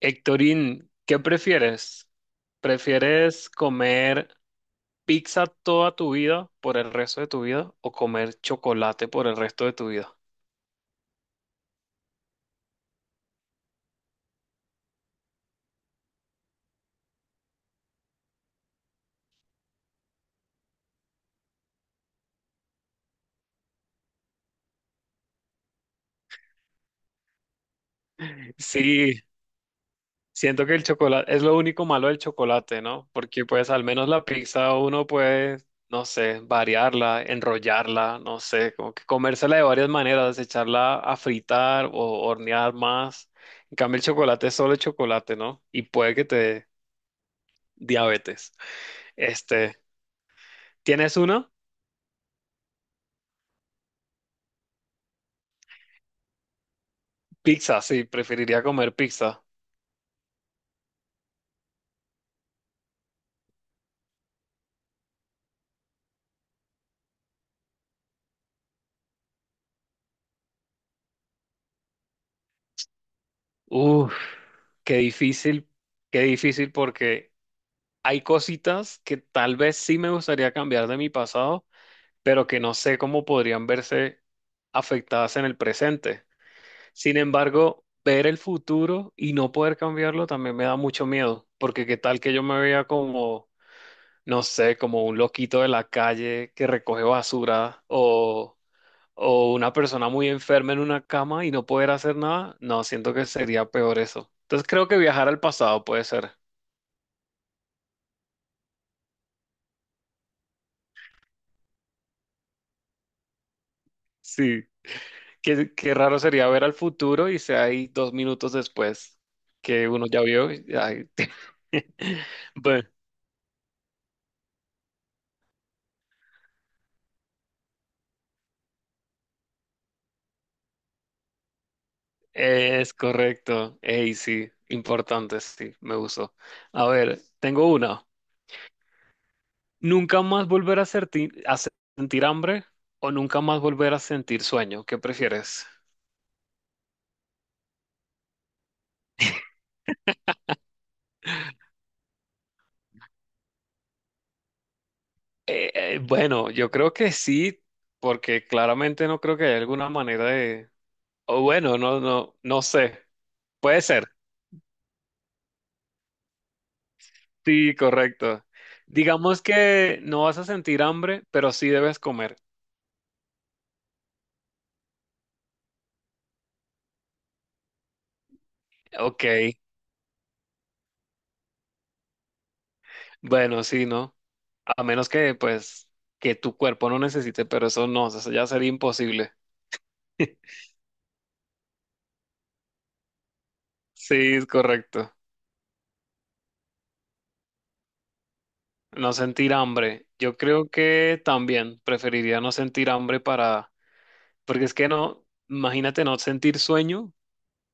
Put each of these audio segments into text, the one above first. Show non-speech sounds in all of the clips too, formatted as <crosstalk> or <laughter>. Héctorín, ¿qué prefieres? ¿Prefieres comer pizza toda tu vida por el resto de tu vida o comer chocolate por el resto de tu vida? Sí, siento que el chocolate es lo único malo del chocolate, ¿no? Porque pues al menos la pizza uno puede, no sé, variarla, enrollarla, no sé, como que comérsela de varias maneras, echarla a fritar o hornear más. En cambio el chocolate es solo chocolate, ¿no? Y puede que te dé diabetes. Este, ¿Tienes uno? Pizza, sí, preferiría comer pizza. Uf, qué difícil, qué difícil porque hay cositas que tal vez sí me gustaría cambiar de mi pasado, pero que no sé cómo podrían verse afectadas en el presente. Sin embargo, ver el futuro y no poder cambiarlo también me da mucho miedo, porque qué tal que yo me vea como, no sé, como un loquito de la calle que recoge basura o una persona muy enferma en una cama y no poder hacer nada, no, siento que sería peor eso. Entonces creo que viajar al pasado puede ser. Sí. Qué raro sería ver al futuro y sea ahí 2 minutos después que uno ya vio. Ay, <laughs> Bueno, es correcto. Ey, sí, importante, sí, me gustó. A ver, tengo una. ¿Nunca más volver a sentir hambre o nunca más volver a sentir sueño? ¿Qué prefieres? Bueno, yo creo que sí, porque claramente no creo que haya alguna manera de... O bueno, no, no, no sé. Puede ser. Sí, correcto. Digamos que no vas a sentir hambre, pero sí debes comer. Ok. Bueno, sí, ¿no? A menos que, pues, que tu cuerpo no necesite, pero eso no, eso ya sería imposible. <laughs> Sí, es correcto. No sentir hambre. Yo creo que también preferiría no sentir hambre para. Porque es que no, imagínate no sentir sueño,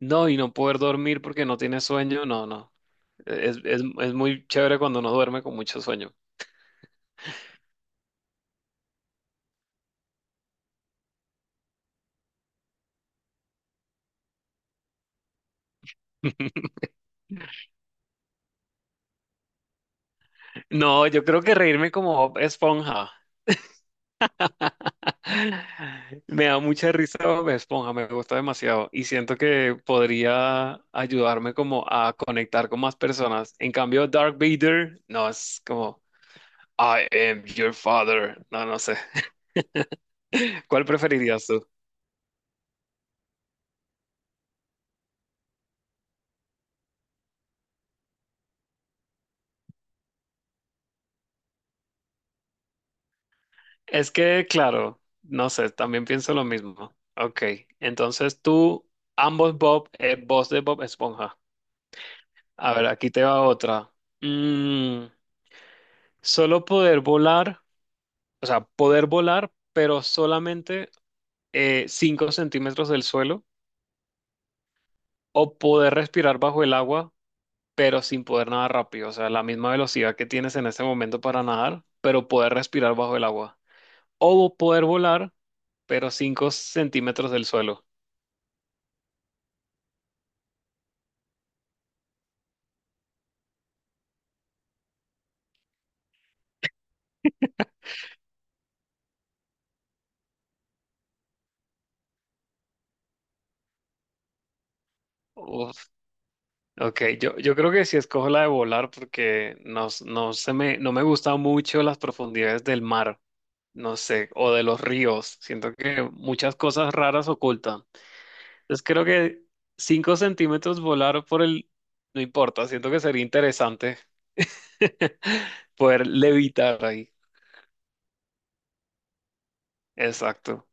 no, y no poder dormir porque no tienes sueño, no, no. Es muy chévere cuando no duerme con mucho sueño. No, yo creo que reírme como Bob Esponja. <laughs> Me da mucha risa Bob Esponja, me gusta demasiado y siento que podría ayudarme como a conectar con más personas. En cambio, Dark Vader, no, es como I am your father. No, no sé. <laughs> ¿Cuál preferirías tú? Es que, claro, no sé, también pienso lo mismo. Ok, entonces tú, ambos Bob, voz de Bob Esponja. A ver, aquí te va otra. Mm, solo poder volar, o sea, poder volar, pero solamente 5 centímetros del suelo, o poder respirar bajo el agua, pero sin poder nadar rápido, o sea, la misma velocidad que tienes en este momento para nadar, pero poder respirar bajo el agua. O poder volar, pero 5 centímetros del suelo. Ok, yo creo que sí escojo la de volar porque no, no me gustan mucho las profundidades del mar, no sé, o de los ríos. Siento que muchas cosas raras ocultan. Entonces creo que 5 centímetros volar por el... No importa, siento que sería interesante <laughs> poder levitar ahí. Exacto.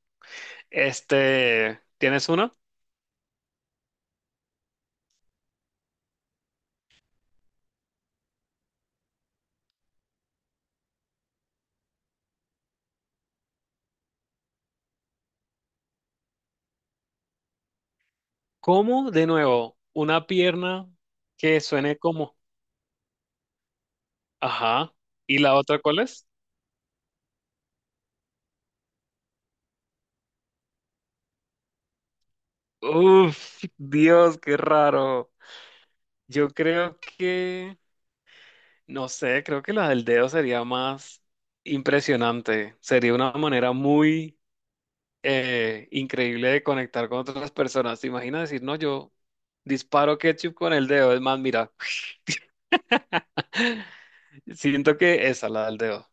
Este, ¿tienes una? ¿Cómo? De nuevo, una pierna que suene como... Ajá. ¿Y la otra cuál es? Uf, Dios, qué raro. Yo creo que, no sé, creo que la del dedo sería más impresionante. Sería una manera muy increíble de conectar con otras personas. ¿Te imaginas decir, no, yo disparo ketchup con el dedo? Es más, mira, <laughs> siento que esa, la del dedo.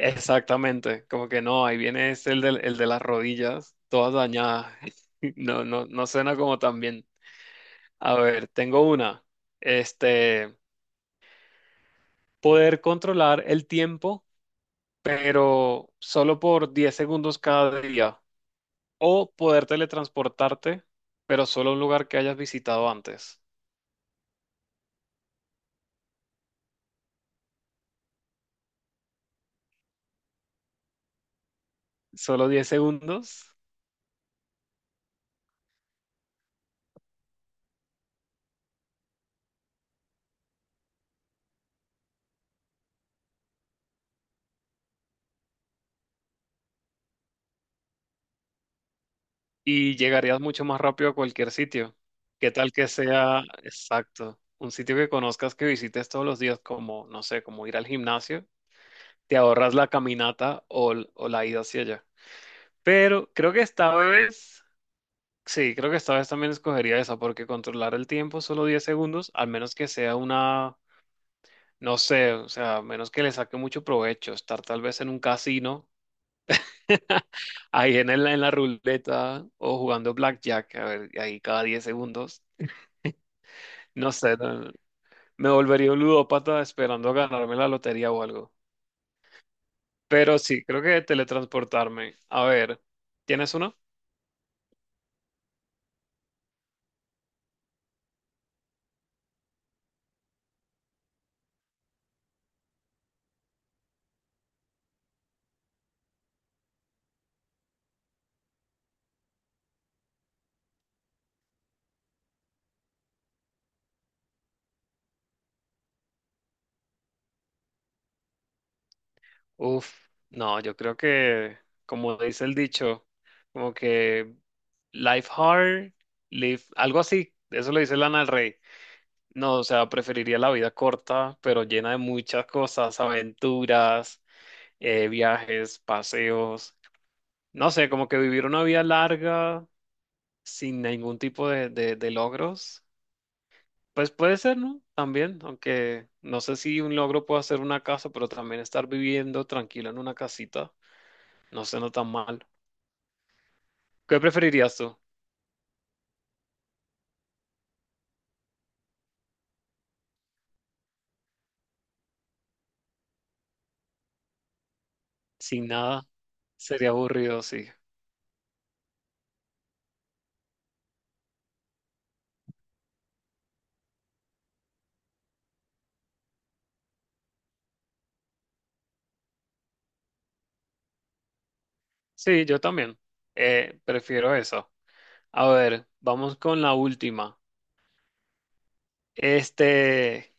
Exactamente, como que no, ahí viene es el de las rodillas, todas dañadas. <laughs> No, no, no suena como tan bien. A ver, tengo una. Este. Poder controlar el tiempo, pero solo por 10 segundos cada día, o poder teletransportarte, pero solo a un lugar que hayas visitado antes, solo 10 segundos y llegarías mucho más rápido a cualquier sitio. ¿Qué tal que sea exacto? Un sitio que conozcas, que visites todos los días, como, no sé, como ir al gimnasio, te ahorras la caminata o, l- o la ida hacia allá. Pero creo que esta vez. Sí, creo que esta vez también escogería esa, porque controlar el tiempo solo 10 segundos, al menos que sea una, no sé, o sea, a menos que le saque mucho provecho, estar tal vez en un casino, <laughs> ahí en la ruleta o jugando blackjack, a ver, y ahí cada 10 segundos, no sé, me volvería un ludópata esperando a ganarme la lotería o algo. Pero sí, creo que teletransportarme. A ver, ¿tienes uno? Uf, no, yo creo que, como dice el dicho, como que Life hard, live, algo así. Eso lo dice Lana del Rey. No, o sea, preferiría la vida corta, pero llena de muchas cosas, aventuras, viajes, paseos. No sé, como que vivir una vida larga sin ningún tipo de logros. Pues puede ser, ¿no? También, aunque no sé si un logro puede ser una casa, pero también estar viviendo tranquilo en una casita no suena tan mal. ¿Qué preferirías tú? Sin nada, sería aburrido, sí. Sí, yo también. Prefiero eso. A ver, vamos con la última. Este,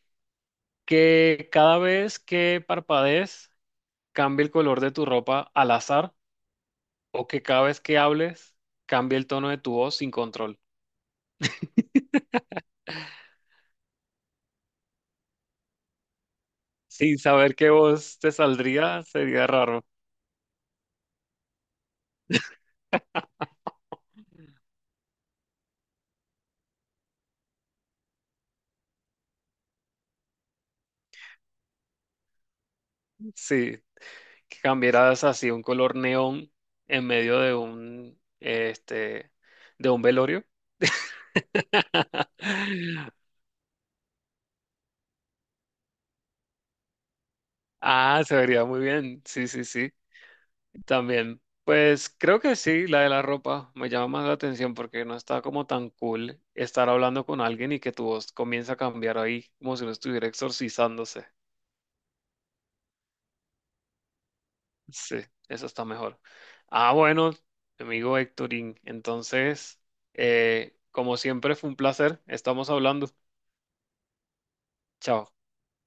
que cada vez que parpadees cambie el color de tu ropa al azar o que cada vez que hables cambie el tono de tu voz sin control. Sin saber qué voz te saldría, sería raro. Sí, que cambiaras así un color neón en medio de un, este, de un velorio. <laughs> Ah, se vería muy bien. Sí, sí, sí. También, pues creo que sí, la de la ropa me llama más la atención porque no está como tan cool estar hablando con alguien y que tu voz comienza a cambiar ahí, como si uno estuviera exorcizándose. Sí, eso está mejor. Ah, bueno, amigo Héctorín, entonces, como siempre fue un placer, estamos hablando. Chao.